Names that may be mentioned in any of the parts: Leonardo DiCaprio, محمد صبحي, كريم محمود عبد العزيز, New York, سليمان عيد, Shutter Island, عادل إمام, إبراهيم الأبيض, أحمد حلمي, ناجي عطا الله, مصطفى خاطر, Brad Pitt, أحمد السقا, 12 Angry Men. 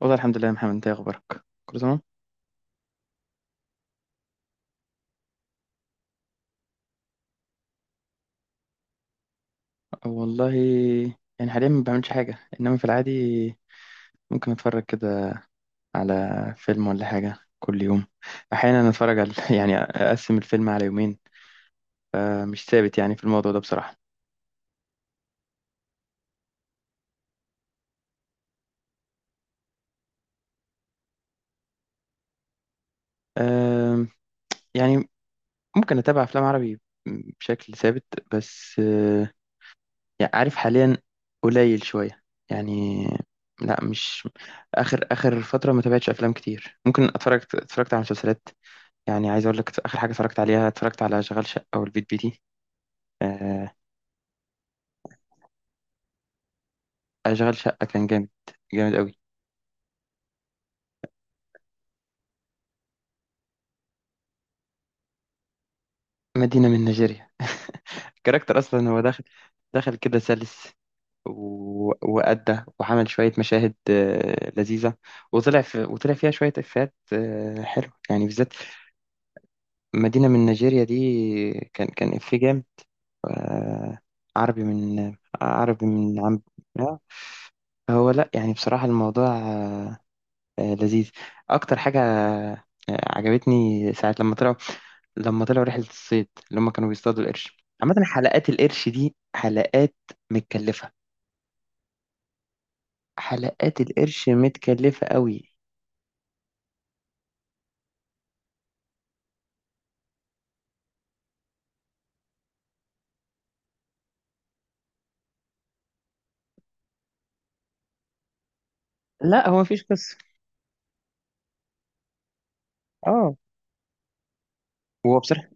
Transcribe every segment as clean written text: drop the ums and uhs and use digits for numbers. والله الحمد لله يا محمد، انت ايه اخبارك؟ كله تمام. أه والله، يعني حاليا ما بعملش حاجه، انما في العادي ممكن اتفرج كده على فيلم ولا حاجه كل يوم. احيانا اتفرج على يعني اقسم الفيلم على يومين. أه، مش ثابت يعني في الموضوع ده بصراحه. أم، يعني ممكن اتابع افلام عربي بشكل ثابت. بس يعني عارف حاليا قليل شويه يعني. لا مش، اخر اخر فتره ما تابعتش افلام كتير، ممكن اتفرجت على مسلسلات. يعني عايز اقول لك اخر حاجه اتفرجت عليها، اتفرجت على شغال شقه او البيت بيتي. آه. شغال شقه كان جامد، جامد قوي. مدينه من نيجيريا الكاركتر اصلا هو دخل كده سلس. وأدى وعمل شوية مشاهد لذيذة. وطلع فيها شوية إفيهات حلوة يعني بالذات. مدينة من نيجيريا دي، كان إفيه جامد. آه، عربي من عربي من عم. آه، هو لأ، يعني بصراحة الموضوع لذيذ. اكتر حاجه عجبتني ساعه لما طلعوا رحله الصيد، اللي هم كانوا بيصطادوا القرش. عامه حلقات القرش دي حلقات متكلفه. حلقات القرش متكلفه قوي. لا هو مفيش قصه. اه، هو بصراحه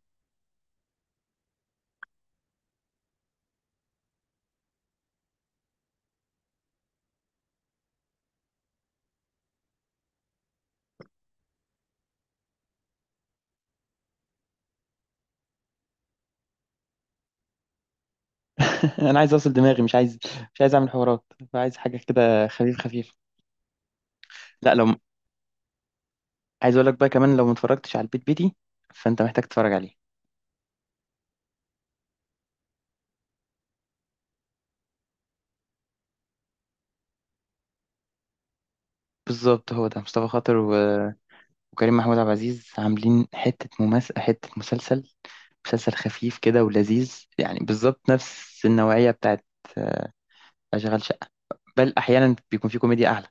انا عايز اوصل دماغي، مش عايز اعمل حوارات. عايز حاجه كده خفيف خفيف. لا، لو عايز اقول لك بقى كمان، لو ما اتفرجتش على البيت بيتي فانت محتاج تتفرج عليه. بالظبط، هو ده مصطفى خاطر وكريم محمود عبد العزيز، عاملين حتة مسلسل خفيف كده ولذيذ يعني، بالظبط نفس النوعية بتاعت آه، أشغال شقة. بل أحيانا بيكون في كوميديا أعلى،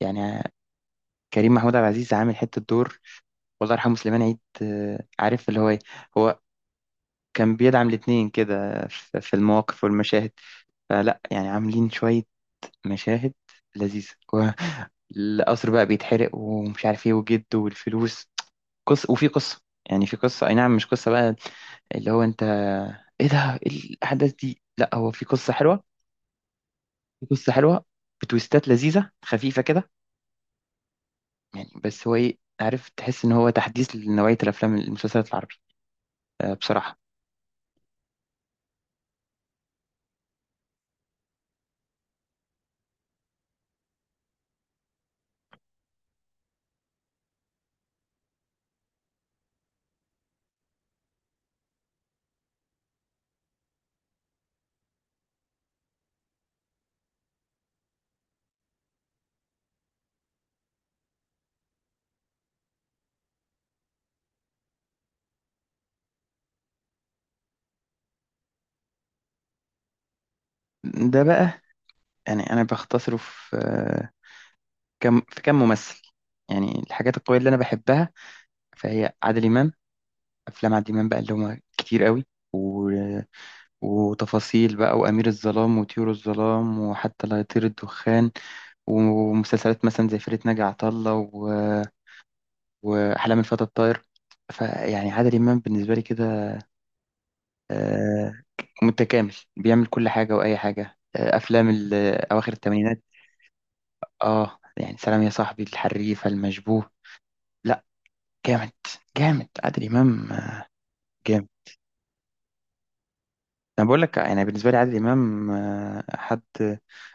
يعني كريم محمود عبد العزيز عامل حتة دور. والله يرحمه سليمان عيد، عارف اللي هو إيه. هو كان بيدعم الاتنين كده في المواقف والمشاهد. فلا يعني عاملين شوية مشاهد لذيذة. والقصر بقى بيتحرق ومش عارف ايه، وجد والفلوس. قصة، وفي قصة، يعني في قصة، أي نعم. مش قصة بقى اللي هو انت ايه ده، ايه الاحداث دي؟ لا، هو في قصه حلوه، في قصه حلوه، بتويستات لذيذه خفيفه كده. يعني بس هو ايه، عارف، تحس ان هو تحديث لنوعيه الافلام المسلسلات العربي. بصراحه. ده بقى يعني انا بختصره في كم ممثل. يعني الحاجات القويه اللي انا بحبها، فهي عادل امام. افلام عادل امام بقى اللي هما كتير قوي. و... وتفاصيل بقى، وامير الظلام، وطيور الظلام، وحتى لا يطير الدخان. ومسلسلات مثلا زي فرقة ناجي عطا الله وأحلام الفتى الطاير. فيعني عادل إمام بالنسبة لي كده آه، متكامل، بيعمل كل حاجة وأي حاجة. أواخر الثمانينات، آه يعني سلام يا صاحبي، الحريفة، المشبوه. لا، جامد، جامد عادل إمام، جامد. أنا بقول لك يعني بالنسبة لي عادل إمام حد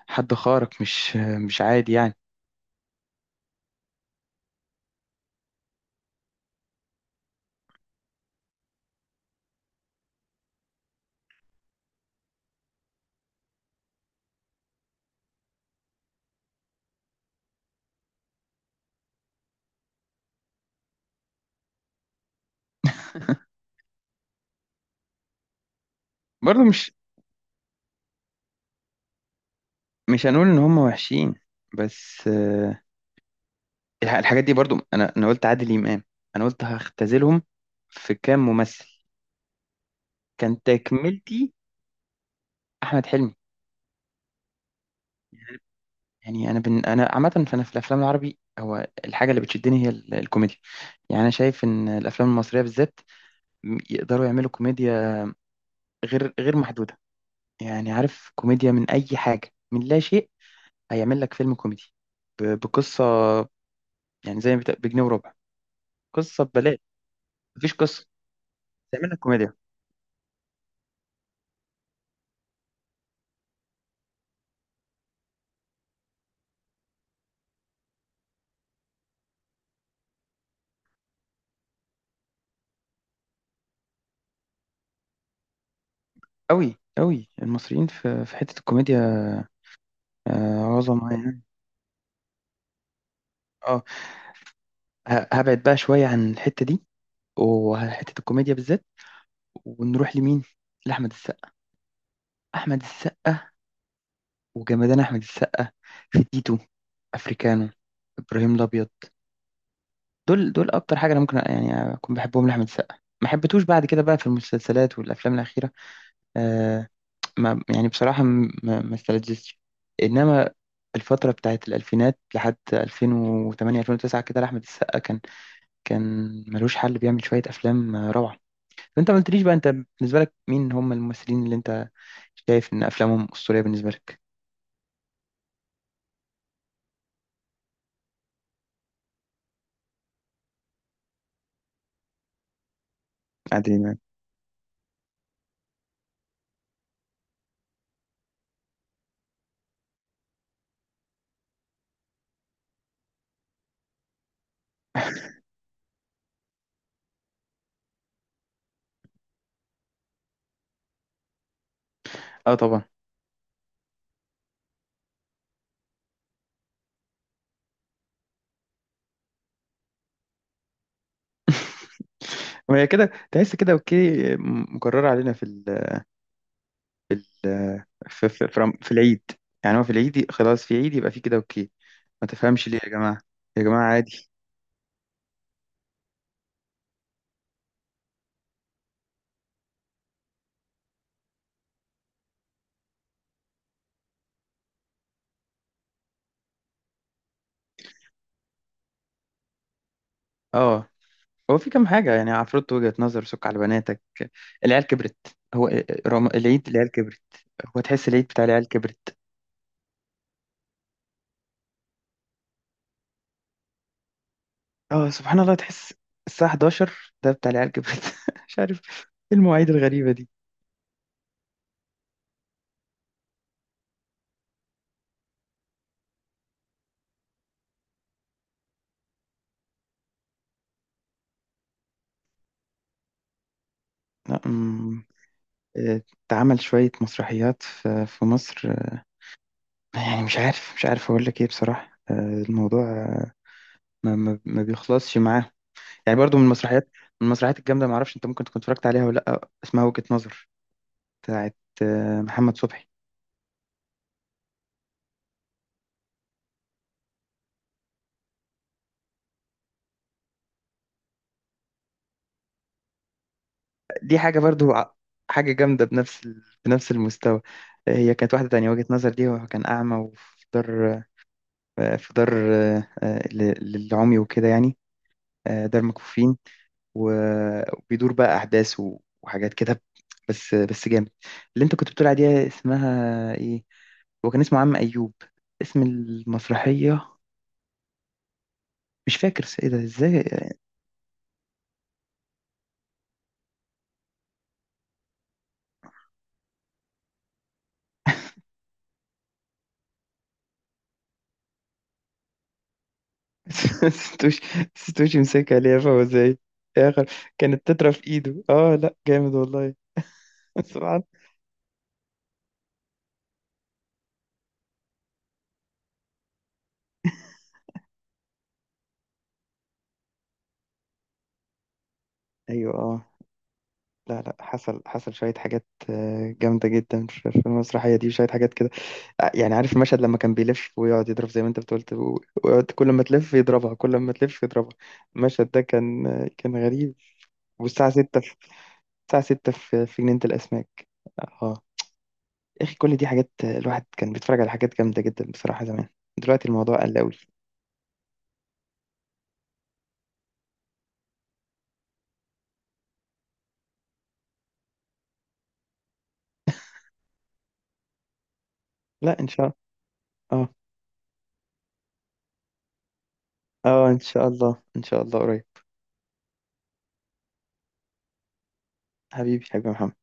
حد خارق، مش مش عادي يعني. برضه مش هنقول إن هم وحشين، بس الحاجات دي برضو. انا قلت عادل امام، انا قلت هختزلهم في كام ممثل. كان تكملتي احمد حلمي. يعني انا عامه، فانا في الافلام العربي هو الحاجه اللي بتشدني هي الكوميديا. يعني انا شايف ان الافلام المصريه بالذات يقدروا يعملوا كوميديا غير محدوده. يعني عارف، كوميديا من اي حاجه، من لا شيء هيعمل لك فيلم كوميدي. بقصه، يعني زي ما بجنيه وربع. قصه ببلاش، مفيش قصه، تعمل لك كوميديا. قوي قوي المصريين في حته الكوميديا، عظمة يعني. اه. هبعد بقى شوية عن الحتة دي، وحتة الكوميديا بالذات. ونروح لمين؟ لأحمد السقا. أحمد السقا وجمدان. أحمد السقا في تيتو، أفريكانو، إبراهيم الأبيض. دول أكتر حاجة أنا ممكن يعني أكون بحبهم لأحمد السقا. ما حبيتوش بعد كده بقى في المسلسلات والأفلام الأخيرة. آه، ما يعني بصراحة ما استلذتش. إنما الفترة بتاعت الألفينات لحد 2008 2009 كده، لأحمد السقا كان ملوش حل، بيعمل شوية أفلام روعة. فأنت ما قلتليش بقى، أنت بالنسبة لك مين هم الممثلين اللي أنت شايف إن أفلامهم أسطورية بالنسبة لك؟ عادل إمام. أه طبعا. وهي كده تحس كده أوكي، مكررة علينا في ال، في العيد. يعني هو في العيد، خلاص في عيد يبقى في كده أوكي. ما تفهمش ليه يا جماعة، يا جماعة عادي. أه، هو في كام حاجة يعني: عفروت، وجهة نظر، سك على بناتك، العيال كبرت. هو العيد العيال كبرت، هو تحس العيد بتاع العيال كبرت. اه سبحان الله، تحس الساعة 11 ده بتاع العيال كبرت مش عارف ايه المواعيد الغريبة دي. لا، آه، اتعمل شوية مسرحيات في مصر. يعني مش عارف أقول لك إيه بصراحة. الموضوع ما بيخلصش معاه. يعني برضو من المسرحيات، من المسرحيات الجامدة، معرفش أنت ممكن تكون اتفرجت عليها ولا لأ. اسمها وجهة نظر، بتاعت محمد صبحي. دي حاجة برضو حاجة جامدة بنفس بنفس المستوى. هي كانت واحدة تانية. وجهة نظر دي، وكان أعمى وفي دار، في دار للعمي وكده، يعني دار مكفوفين. وبيدور بقى أحداث وحاجات كده، بس بس جامد. اللي أنت كنت بتقول عليها اسمها إيه؟ هو كان اسمه عم أيوب، اسم المسرحية. مش فاكر، إيه ده إزاي؟ ستوش ستوش مسك عليها فهو إزاي يا آخر؟ كانت تترة في إيده، آه لأ، جامد والله. سبحان. أيوه آه. لا لا، حصل شوية حاجات جامدة جدا في المسرحية دي، وشوية حاجات كده. يعني عارف المشهد لما كان بيلف ويقعد يضرب، زي ما انت بتقولت، ويقعد كل ما تلف يضربها، كل ما تلف يضربها. المشهد ده كان غريب. والساعة ستة في، الساعة ستة في جنينة الأسماك. اه. يا أخي كل دي حاجات، الواحد كان بيتفرج على حاجات جامدة جدا بصراحة زمان. دلوقتي الموضوع قل أوي. لا، إن شاء الله. اه اه، إن شاء الله، إن شاء الله قريب. حبيبي حبيبي محمد.